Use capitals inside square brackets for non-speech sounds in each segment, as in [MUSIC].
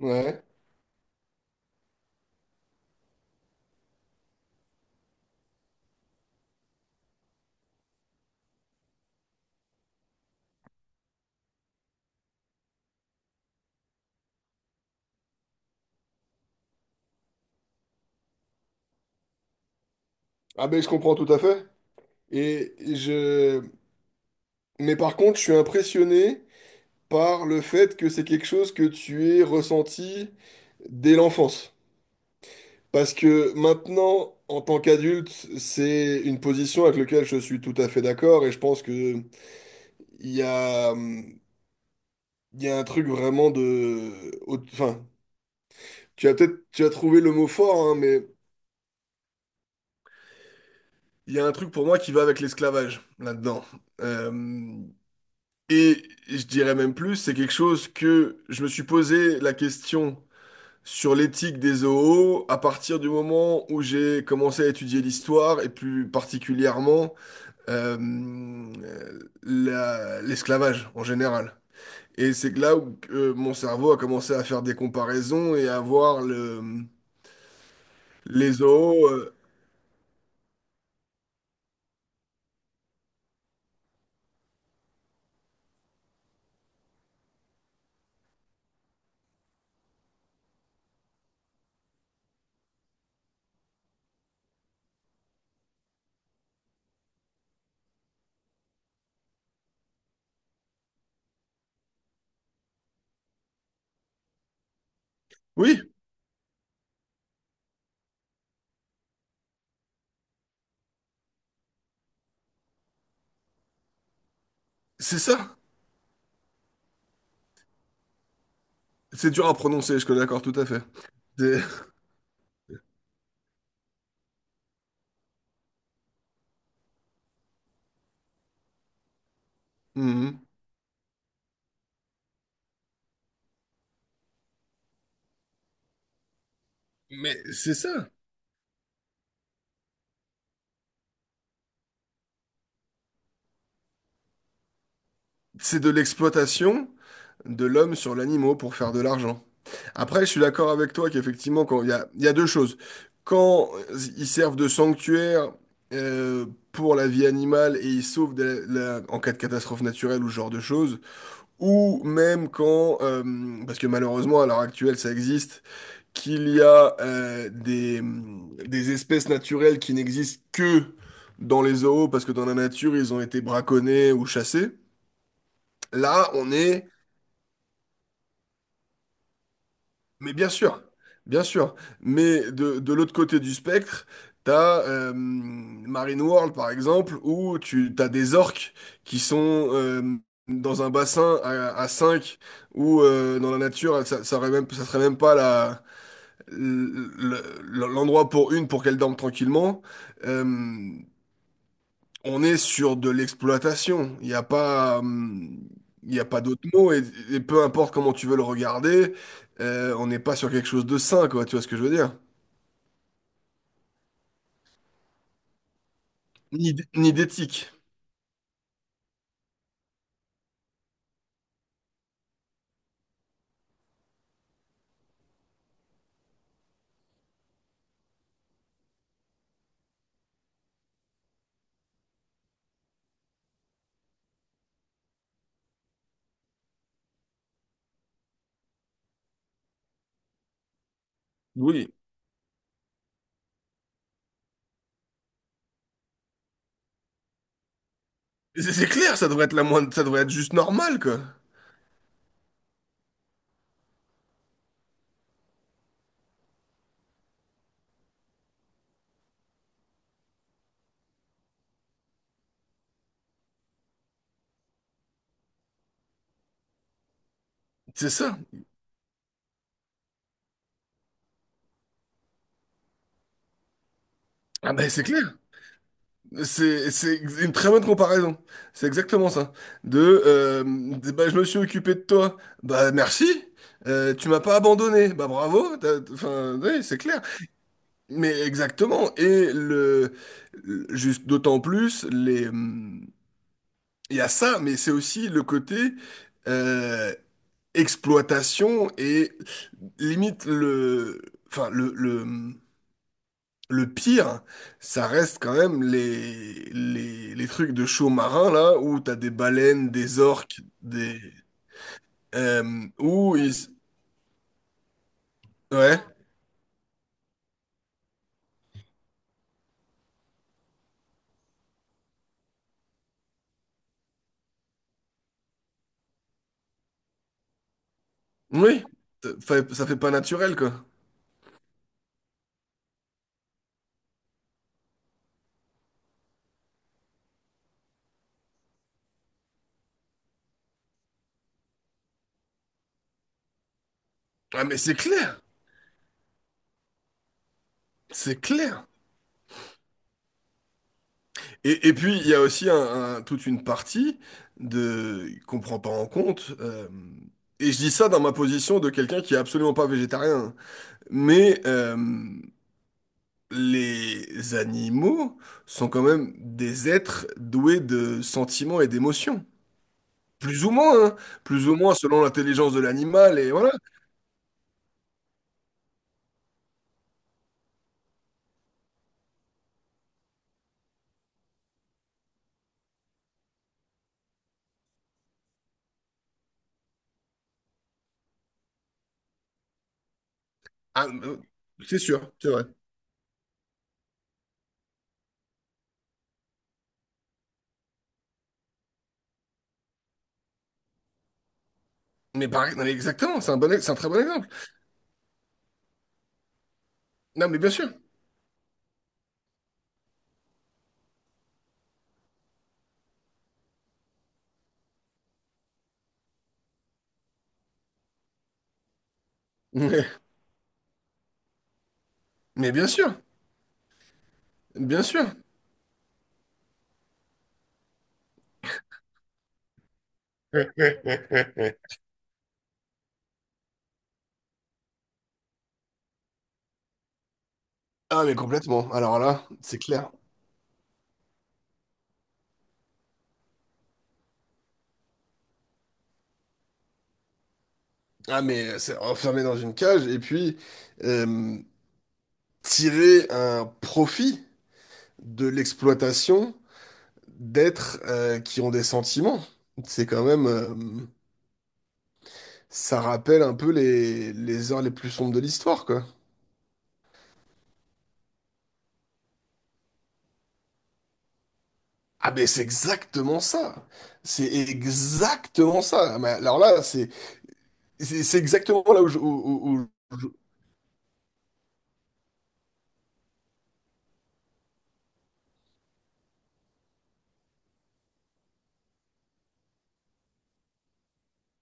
Ouais. Ah ben je comprends tout à fait. Et je... Mais par contre, je suis impressionné par le fait que c'est quelque chose que tu aies ressenti dès l'enfance. Parce que maintenant, en tant qu'adulte, c'est une position avec laquelle je suis tout à fait d'accord et je pense que il y a, hum, il y a un truc vraiment de... Enfin, tu as peut-être tu as trouvé le mot fort, hein, mais il y a un truc pour moi qui va avec l'esclavage là-dedans. Euh, Et je dirais même plus, c'est quelque chose que je me suis posé la question sur l'éthique des zoos à partir du moment où j'ai commencé à étudier l'histoire et plus particulièrement euh, l'esclavage en général. Et c'est que là où mon cerveau a commencé à faire des comparaisons et à voir les zoos. Oui, c'est ça. C'est dur à prononcer, je suis d'accord tout à fait. C'est [LAUGHS] Mhm. Mais c'est ça. C'est de l'exploitation de l'homme sur l'animaux pour faire de l'argent. Après, je suis d'accord avec toi qu'effectivement, quand il y a deux choses. Quand ils servent de sanctuaire euh, pour la vie animale et ils sauvent de en cas de catastrophe naturelle ou ce genre de choses, ou même quand, parce que malheureusement à l'heure actuelle ça existe, qu'il y a des espèces naturelles qui n'existent que dans les zoos parce que dans la nature ils ont été braconnés ou chassés. Là, on est. Mais bien sûr, bien sûr. Mais de l'autre côté du spectre, t'as Marine World, par exemple, où tu t'as des orques qui sont dans un bassin à 5, où dans la nature, ça aurait même, ça serait même pas l'endroit pour une pour qu'elle dorme tranquillement. Euh, on est sur de l'exploitation. Il n'y a pas, il y a pas d'autre mot. Et peu importe comment tu veux le regarder, on n'est pas sur quelque chose de sain, quoi. Tu vois ce que je veux dire? Ni d'éthique. Oui. C'est clair, ça devrait être la moindre, ça devrait être juste normal, quoi. C'est ça. Ah ben c'est clair. C'est une très bonne comparaison. C'est exactement ça. De, bah, je me suis occupé de toi. Bah merci. Tu m'as pas abandonné. Bah bravo. Enfin, oui, c'est clair. Mais exactement. Et juste d'autant plus, il y a ça, mais c'est aussi le côté euh, exploitation et limite enfin le pire, ça reste quand même les trucs de show marin là où t'as des baleines, des orques, où ils, ouais, oui, ça fait pas naturel quoi. Ah mais c'est clair, c'est clair. Et puis, il y a aussi toute une partie de qu'on prend pas en compte. Et je dis ça dans ma position de quelqu'un qui est absolument pas végétarien. Mais les animaux sont quand même des êtres doués de sentiments et d'émotions. Plus ou moins, hein. Plus ou moins selon l'intelligence de l'animal. Et voilà. Ah, euh, c'est sûr, c'est vrai. Mais pareil, non, mais exactement, c'est un très bon exemple. Non, mais bien sûr. [LAUGHS] Mais bien sûr, bien sûr. [LAUGHS] Ah mais complètement. Alors là, c'est clair. Ah mais c'est enfermé dans une cage et puis euh, tirer un profit de l'exploitation d'êtres qui ont des sentiments. C'est quand même ça rappelle un peu les heures les plus sombres de l'histoire quoi. Ah mais c'est exactement ça. C'est exactement ça. Ah, mais alors là, c'est exactement là où je, où- où- où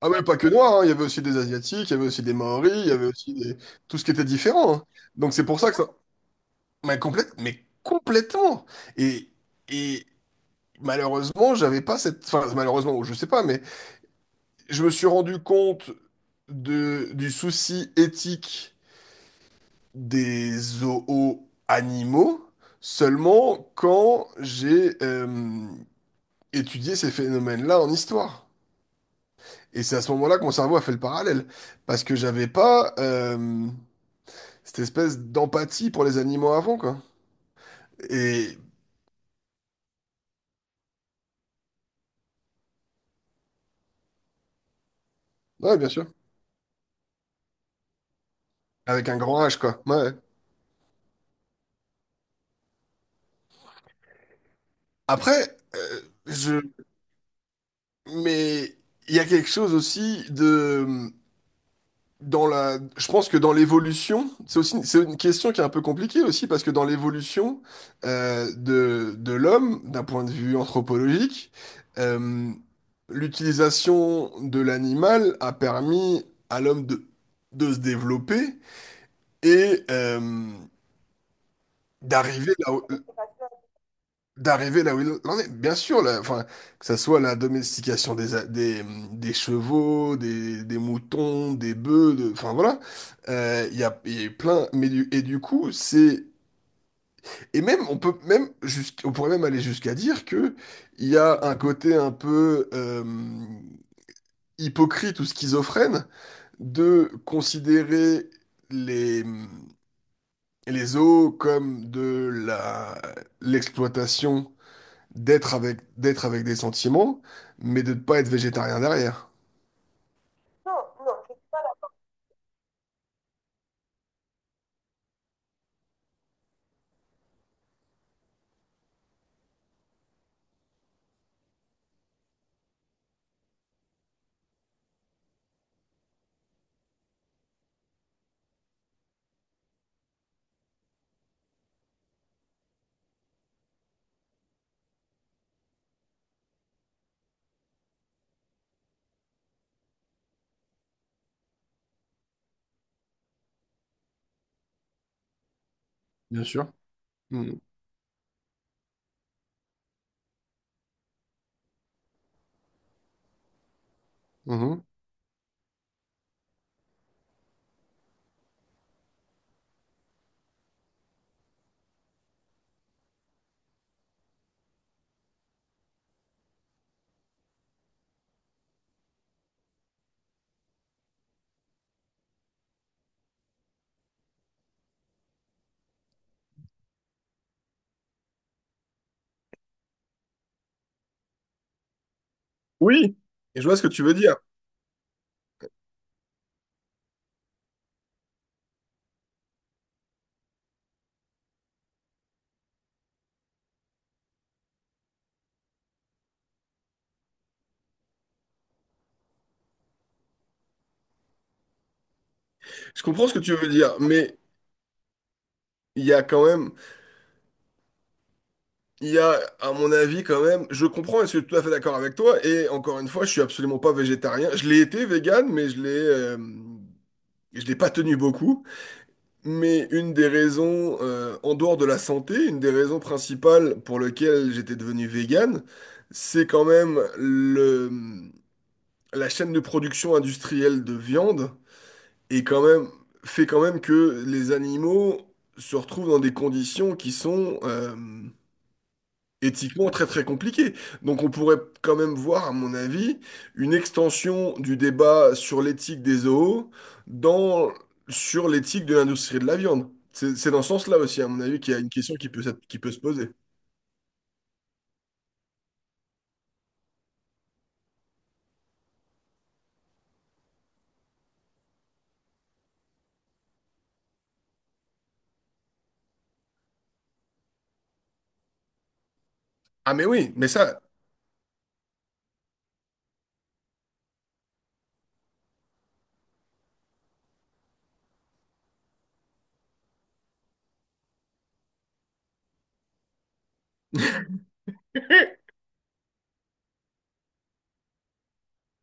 Ah ouais, pas que noirs, hein, il y avait aussi des Asiatiques, il y avait aussi des Maoris, il y avait aussi des... tout ce qui était différent. Hein. Donc c'est pour ça que ça... Mais, complète... Mais complètement! Et... et malheureusement, j'avais pas cette... Enfin, malheureusement, ou je sais pas, mais je me suis rendu compte de... du souci éthique des zoos animaux seulement quand j'ai étudié ces phénomènes-là en histoire. Et c'est à ce moment-là que mon cerveau a fait le parallèle. Parce que j'avais pas... cette espèce d'empathie pour les animaux avant, quoi. Et Ouais, bien sûr. Avec un grand H, quoi. Ouais. Après, je... Mais il y a quelque chose aussi de... Dans la... Je pense que dans l'évolution, c'est aussi c'est une question qui est un peu compliquée aussi, parce que dans l'évolution de l'homme, d'un point de vue anthropologique, euh, l'utilisation de l'animal a permis à l'homme de se développer et, d'arriver là où, d'arriver là où il en est. Bien sûr, là, enfin, que ça soit la domestication des chevaux, des moutons, des bœufs, de, enfin voilà, il y a eu plein. Et du coup, c'est et même on peut même on pourrait même aller jusqu'à dire que il y a un côté un peu hypocrite ou schizophrène de considérer les les zoos comme de la l'exploitation d'être avec des sentiments, mais de ne pas être végétarien derrière. Bien sûr. Mhm. Mhm. Oui, et je vois ce que tu veux dire. Je comprends ce que tu veux dire, mais il y a quand même, il y a, à mon avis, quand même, je comprends et je suis tout à fait d'accord avec toi. Et encore une fois, je suis absolument pas végétarien. Je l'ai été vegan, mais je l'ai pas tenu beaucoup. Mais une des raisons, en dehors de la santé, une des raisons principales pour lesquelles j'étais devenu vegan, c'est quand même la chaîne de production industrielle de viande est quand même, fait quand même que les animaux se retrouvent dans des conditions qui sont éthiquement très très compliquées. Donc on pourrait quand même voir, à mon avis, une extension du débat sur l'éthique des zoos dans, sur l'éthique de l'industrie de la viande. C'est dans ce sens-là aussi, à mon avis, qu'il y a une question qui peut, qui peut se poser. Ah mais oui, mais ça,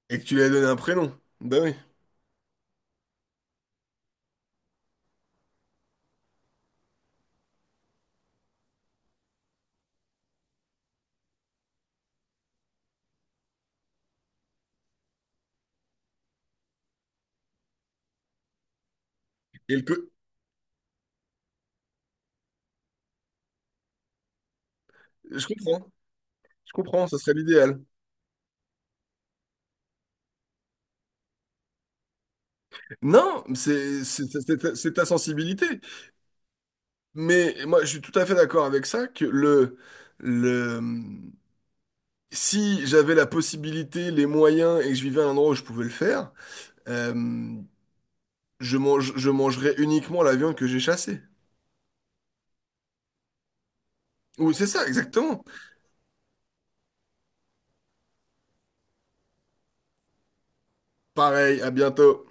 et que tu lui as donné un prénom. Ben oui. Et le co- je comprends, je comprends, ça serait l'idéal. Non, c'est ta sensibilité. Mais moi, je suis tout à fait d'accord avec ça, que le, si j'avais la possibilité, les moyens et que je vivais à un endroit où je pouvais le faire, euh, je mangerais uniquement la viande que j'ai chassée. Ou c'est ça, exactement. Pareil, à bientôt.